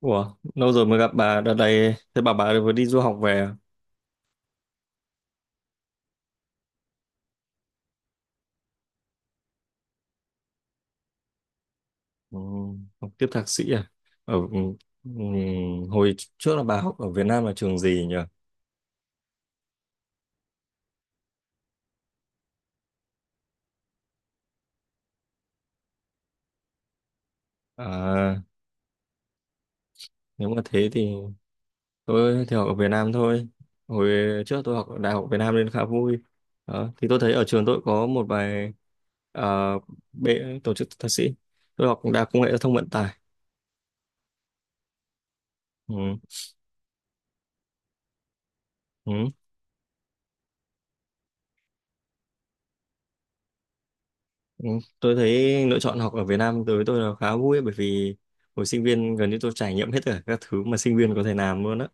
Ủa, lâu rồi mới gặp bà đợt này thế bà vừa đi du học về à? Ừ. Học tiếp thạc sĩ à? Ừ. Ừ. Hồi trước là bà học ở Việt Nam là trường gì nhỉ? À, nếu mà thế thì tôi thì học ở Việt Nam thôi. Hồi trước tôi học ở Đại học Việt Nam nên khá vui đó. Thì tôi thấy ở trường tôi có một vài, à, tổ chức thạc sĩ. Tôi học Đại học Công nghệ Giao thông Vận tải. Ừ. Ừ. Ừ, tôi thấy lựa chọn học ở Việt Nam đối với tôi là khá vui ấy, bởi vì hồi sinh viên gần như tôi trải nghiệm hết tất cả các thứ mà sinh viên có thể làm luôn á,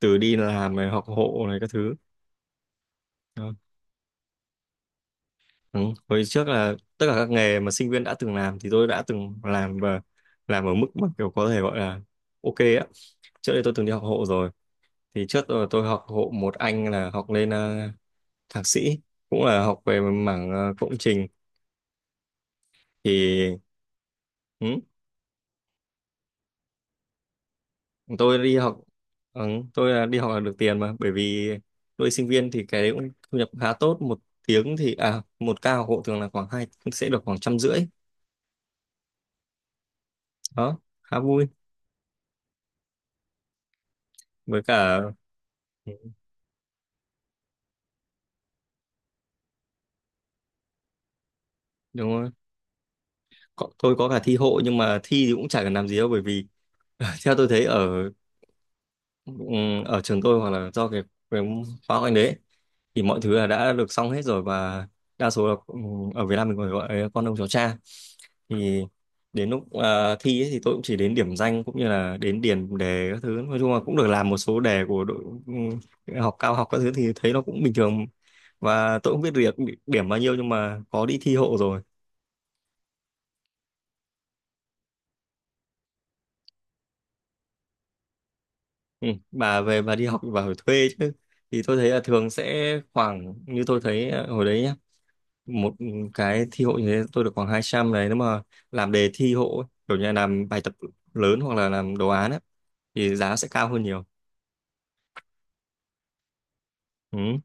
từ đi làm này, học hộ này, các thứ đó. Ừ. Hồi trước là tất cả các nghề mà sinh viên đã từng làm thì tôi đã từng làm, và làm ở mức mà kiểu có thể gọi là ok á. Trước đây tôi từng đi học hộ rồi. Thì trước tôi học hộ một anh là học lên thạc sĩ, cũng là học về mảng công trình thì. Ừ. Tôi đi học, ừ, tôi là đi học là được tiền mà, bởi vì tôi sinh viên thì cái đấy cũng thu nhập khá tốt. Một tiếng thì, à, một ca học hộ thường là khoảng hai sẽ được khoảng 150 đó, khá vui. Với cả. Ừ, đúng rồi. Có, tôi có cả thi hộ nhưng mà thi thì cũng chả cần làm gì đâu, bởi vì theo tôi thấy ở, ở trường tôi, hoặc là do cái khóa của anh đấy ấy, thì mọi thứ là đã được xong hết rồi, và đa số là, ở Việt Nam mình còn gọi là con ông cháu cha. Thì đến lúc, à, thi ấy, thì tôi cũng chỉ đến điểm danh, cũng như là đến điền đề các thứ. Nói chung là cũng được làm một số đề của đội, ừm, học cao học các thứ thì thấy nó cũng bình thường, và tôi cũng biết được điểm bao nhiêu, nhưng mà có đi thi hộ rồi. Ừ. Bà về bà đi học thì bà phải thuê chứ. Thì tôi thấy là thường sẽ khoảng, như tôi thấy, à, hồi đấy nhá, một cái thi hộ như thế tôi được khoảng 200 đấy. Nếu mà làm đề thi hộ ấy, kiểu như là làm bài tập lớn hoặc là làm đồ án ấy, thì giá sẽ cao hơn nhiều. Ừ.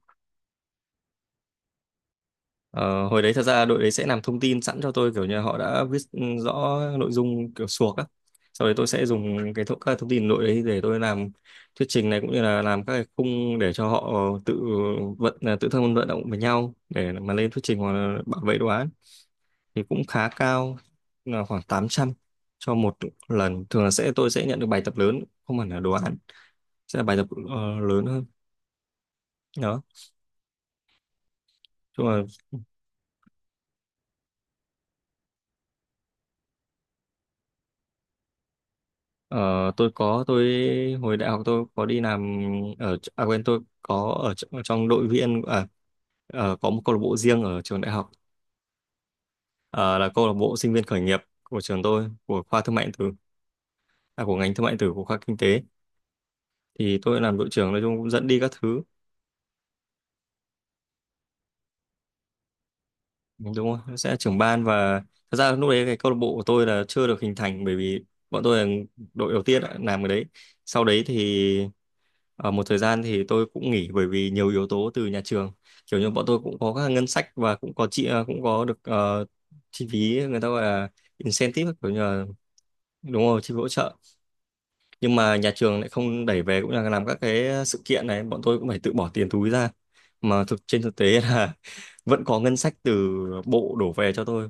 ờ, Hồi đấy thật ra đội đấy sẽ làm thông tin sẵn cho tôi, kiểu như là họ đã viết rõ nội dung kiểu suộc á. Sau đấy tôi sẽ dùng các thông tin đội đấy để tôi làm thuyết trình này, cũng như là làm các cái khung để cho họ tự vận tự thân vận động với nhau để mà lên thuyết trình hoặc là bảo vệ đồ án thì cũng khá cao, là khoảng 800 cho một lần. Thường là tôi sẽ nhận được bài tập lớn, không hẳn là đồ án, sẽ là bài tập lớn hơn. Đó chung là. Tôi hồi đại học tôi có đi làm ở, à quên, tôi có ở trong đội viên à, có một câu lạc bộ riêng ở trường đại học. Ờ, là câu lạc bộ sinh viên khởi nghiệp của trường tôi, của khoa thương mại điện tử. À, của ngành thương mại điện tử của khoa kinh tế. Thì tôi làm đội trưởng, nói chung cũng dẫn đi các thứ. Đúng rồi, nó sẽ là trưởng ban. Và thật ra lúc đấy cái câu lạc bộ của tôi là chưa được hình thành, bởi vì bọn tôi là đội đầu tiên đã làm cái đấy. Sau đấy thì ở một thời gian thì tôi cũng nghỉ, bởi vì nhiều yếu tố từ nhà trường. Kiểu như bọn tôi cũng có các ngân sách và cũng có được chi phí, người ta gọi là incentive, kiểu như là. Đúng rồi, chi phí hỗ trợ. Nhưng mà nhà trường lại không đẩy về, cũng là làm các cái sự kiện này bọn tôi cũng phải tự bỏ tiền túi ra, mà thực trên thực tế là vẫn có ngân sách từ bộ đổ về cho tôi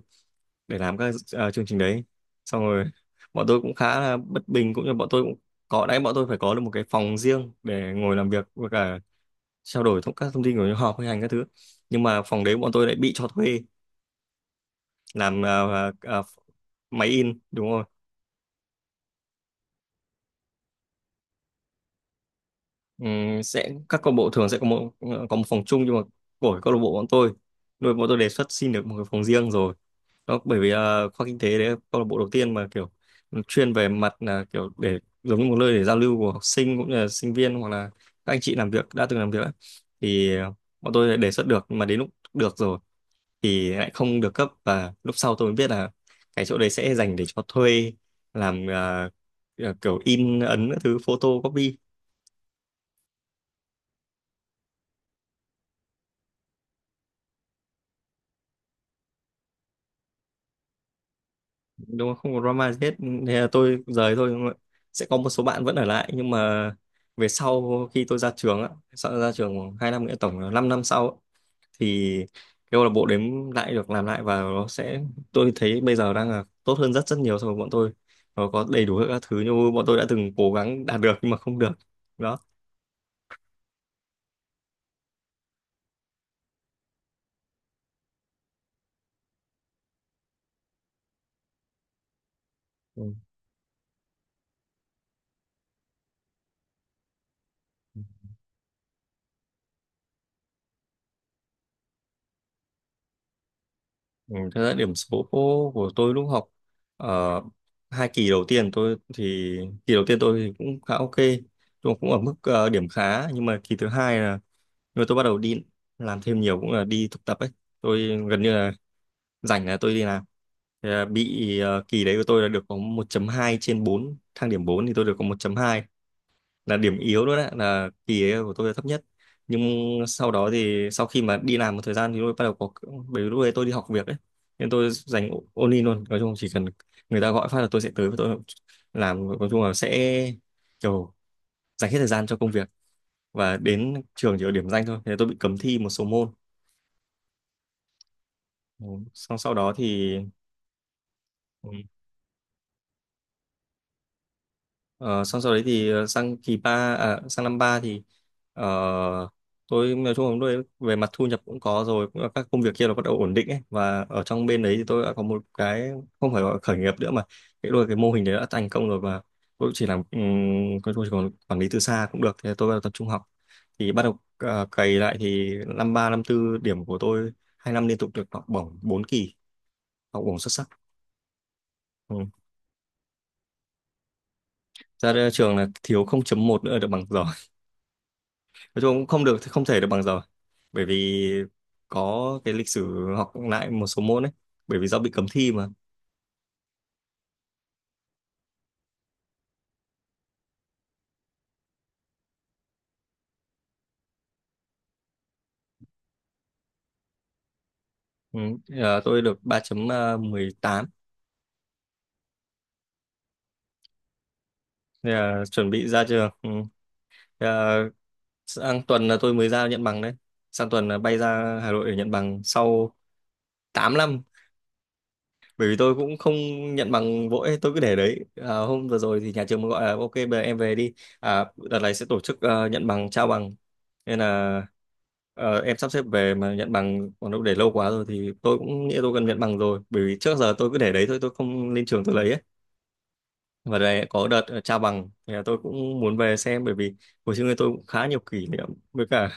để làm các chương trình đấy. Xong rồi, bọn tôi cũng khá là bất bình, cũng như bọn tôi cũng có đấy, bọn tôi phải có được một cái phòng riêng để ngồi làm việc với cả trao đổi các thông tin của những họp hay hành các thứ. Nhưng mà phòng đấy bọn tôi lại bị cho thuê làm máy in. Đúng rồi. Sẽ Các câu lạc bộ thường sẽ có có một phòng chung. Nhưng mà của câu lạc bộ bọn tôi nuôi, bọn tôi đề xuất xin được một cái phòng riêng rồi. Đó, bởi vì khoa kinh tế đấy là câu lạc bộ đầu tiên mà kiểu chuyên về mặt là kiểu để giống như một nơi để giao lưu của học sinh, cũng như là sinh viên hoặc là các anh chị làm việc đã từng làm việc ấy. Thì bọn tôi đã đề xuất được nhưng mà đến lúc được rồi thì lại không được cấp, và lúc sau tôi mới biết là cái chỗ đấy sẽ dành để cho thuê làm kiểu in ấn các thứ, photo copy. Đúng không, không có drama gì hết. Thế là tôi rời thôi, đúng không ạ? Sẽ có một số bạn vẫn ở lại, nhưng mà về sau khi tôi ra trường á, sau ra trường khoảng 2 năm nữa, tổng là 5 năm sau á, thì cái câu lạc bộ đếm lại được làm lại, và nó sẽ tôi thấy bây giờ đang là tốt hơn rất rất nhiều so với bọn tôi. Nó có đầy đủ các thứ như bọn tôi đã từng cố gắng đạt được nhưng mà không được đó. Ừ, thật ra điểm số của tôi lúc học ở hai kỳ đầu tiên, tôi thì kỳ đầu tiên tôi thì cũng khá ok, tôi cũng ở mức điểm khá. Nhưng mà kỳ thứ hai là, nhưng mà tôi bắt đầu đi làm thêm nhiều, cũng là đi thực tập ấy, tôi gần như là rảnh là tôi đi làm. Thì là bị, kỳ đấy của tôi là được có một chấm hai trên bốn, thang điểm 4 thì tôi được có một chấm hai, là điểm yếu luôn đấy, là kỳ ấy của tôi là thấp nhất. Nhưng sau đó thì, sau khi mà đi làm một thời gian, thì tôi bắt đầu có, bởi vì lúc đấy tôi đi học việc ấy nên tôi dành only luôn, nói chung chỉ cần người ta gọi phát là tôi sẽ tới và tôi làm, nói chung là sẽ kiểu dành hết thời gian cho công việc, và đến trường chỉ ở điểm danh thôi, thế tôi bị cấm thi một số môn. Ừ. xong sau đó thì ừ, Ờ, Xong sau đấy thì, sang năm ba thì ờ, tôi nói chung là tôi về mặt thu nhập cũng có rồi, cũng là các công việc kia nó bắt đầu ổn định ấy, và ở trong bên đấy thì tôi đã có một cái không phải gọi là khởi nghiệp nữa, mà cái đôi cái mô hình đấy đã thành công rồi. Và tôi chỉ làm, tôi chỉ còn quản lý từ xa cũng được, thì tôi bắt đầu tập trung học. Thì bắt đầu, à, cày lại thì năm ba, năm tư điểm của tôi hai năm liên tục được học bổng 4 kỳ, học bổng xuất sắc. Ừ. Ra đây trường là thiếu 0,1 nữa là được bằng giỏi. Nói chung cũng không được, không thể được bằng giờ, bởi vì có cái lịch sử học lại một số môn ấy, bởi vì do bị cấm thi mà. Ừ. Tôi được 3,18. Thế là chuẩn bị ra trường. Ừ. Thế là sang tuần là tôi mới ra nhận bằng đấy, sang tuần là bay ra Hà Nội để nhận bằng sau 8 năm, bởi vì tôi cũng không nhận bằng vội, tôi cứ để đấy. À, hôm vừa rồi thì nhà trường mới gọi là ok bây giờ em về đi. À, đợt này sẽ tổ chức, nhận bằng, trao bằng, nên là em sắp xếp về mà nhận bằng, còn đâu để lâu quá rồi thì tôi cũng nghĩ tôi cần nhận bằng rồi, bởi vì trước giờ tôi cứ để đấy thôi, tôi không lên trường tôi lấy ấy, và đây có đợt trao bằng thì là tôi cũng muốn về xem, bởi vì hồi xưa tôi cũng khá nhiều kỷ niệm. Với cả.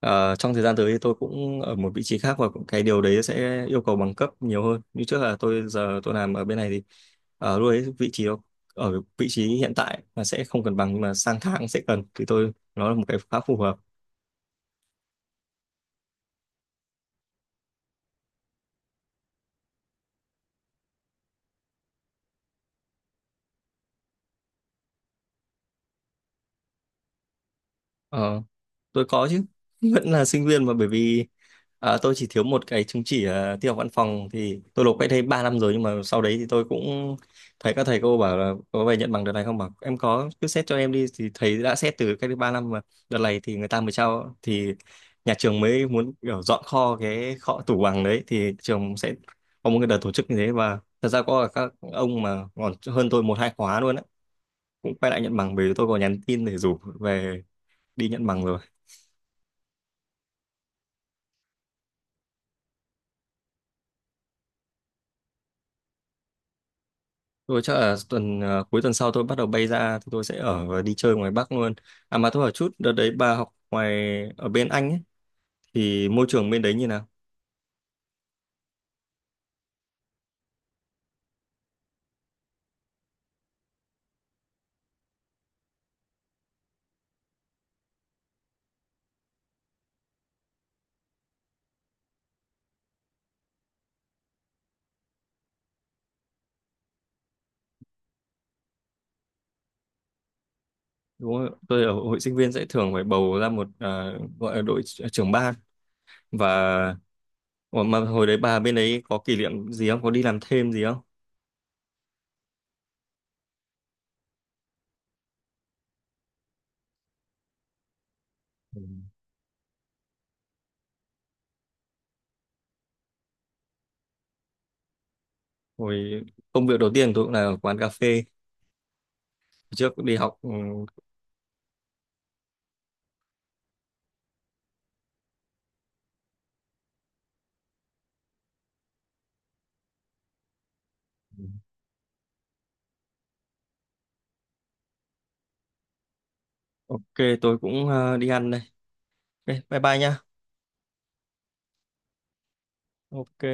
Ờ, trong thời gian tới thì tôi cũng ở một vị trí khác, và cái điều đấy sẽ yêu cầu bằng cấp nhiều hơn. Như trước là tôi giờ tôi làm ở bên này thì, ở lúc đấy vị trí đó, ở vị trí hiện tại là sẽ không cần bằng, nhưng mà sang tháng sẽ cần, thì tôi nó là một cái khá phù hợp. Ờ. Tôi có chứ, vẫn là sinh viên mà, bởi vì, à, tôi chỉ thiếu một cái chứng chỉ, à, tin học văn phòng thì tôi nộp cách đây 3 năm rồi, nhưng mà sau đấy thì tôi cũng thấy các thầy cô bảo là có về nhận bằng đợt này không, bảo em có cứ xét cho em đi, thì thầy đã xét từ cách đây 3 năm mà đợt này thì người ta mới trao, thì nhà trường mới muốn kiểu dọn kho, cái kho tủ bằng đấy thì trường sẽ có một cái đợt tổ chức như thế. Và thật ra có các ông mà còn hơn tôi một hai khóa luôn á, cũng quay lại nhận bằng, bởi vì tôi có nhắn tin để rủ về đi nhận bằng rồi. Tôi chắc là cuối tuần sau tôi bắt đầu bay ra, thì tôi sẽ ở và đi chơi ngoài Bắc luôn. À mà tôi hỏi chút, đợt đấy bà học ngoài, ở bên Anh ấy, thì môi trường bên đấy như nào? Đúng không? Tôi ở hội sinh viên sẽ thường phải bầu ra một, à, gọi là trưởng ban và. Ủa, mà hồi đấy bà bên đấy có kỷ niệm gì không? Có đi làm thêm gì không? Ừ. Hồi, công việc đầu tiên tôi cũng là ở quán cà phê. Trước đi học, ok, tôi cũng, à, đi ăn đây. Ok, bye bye nha. Ok.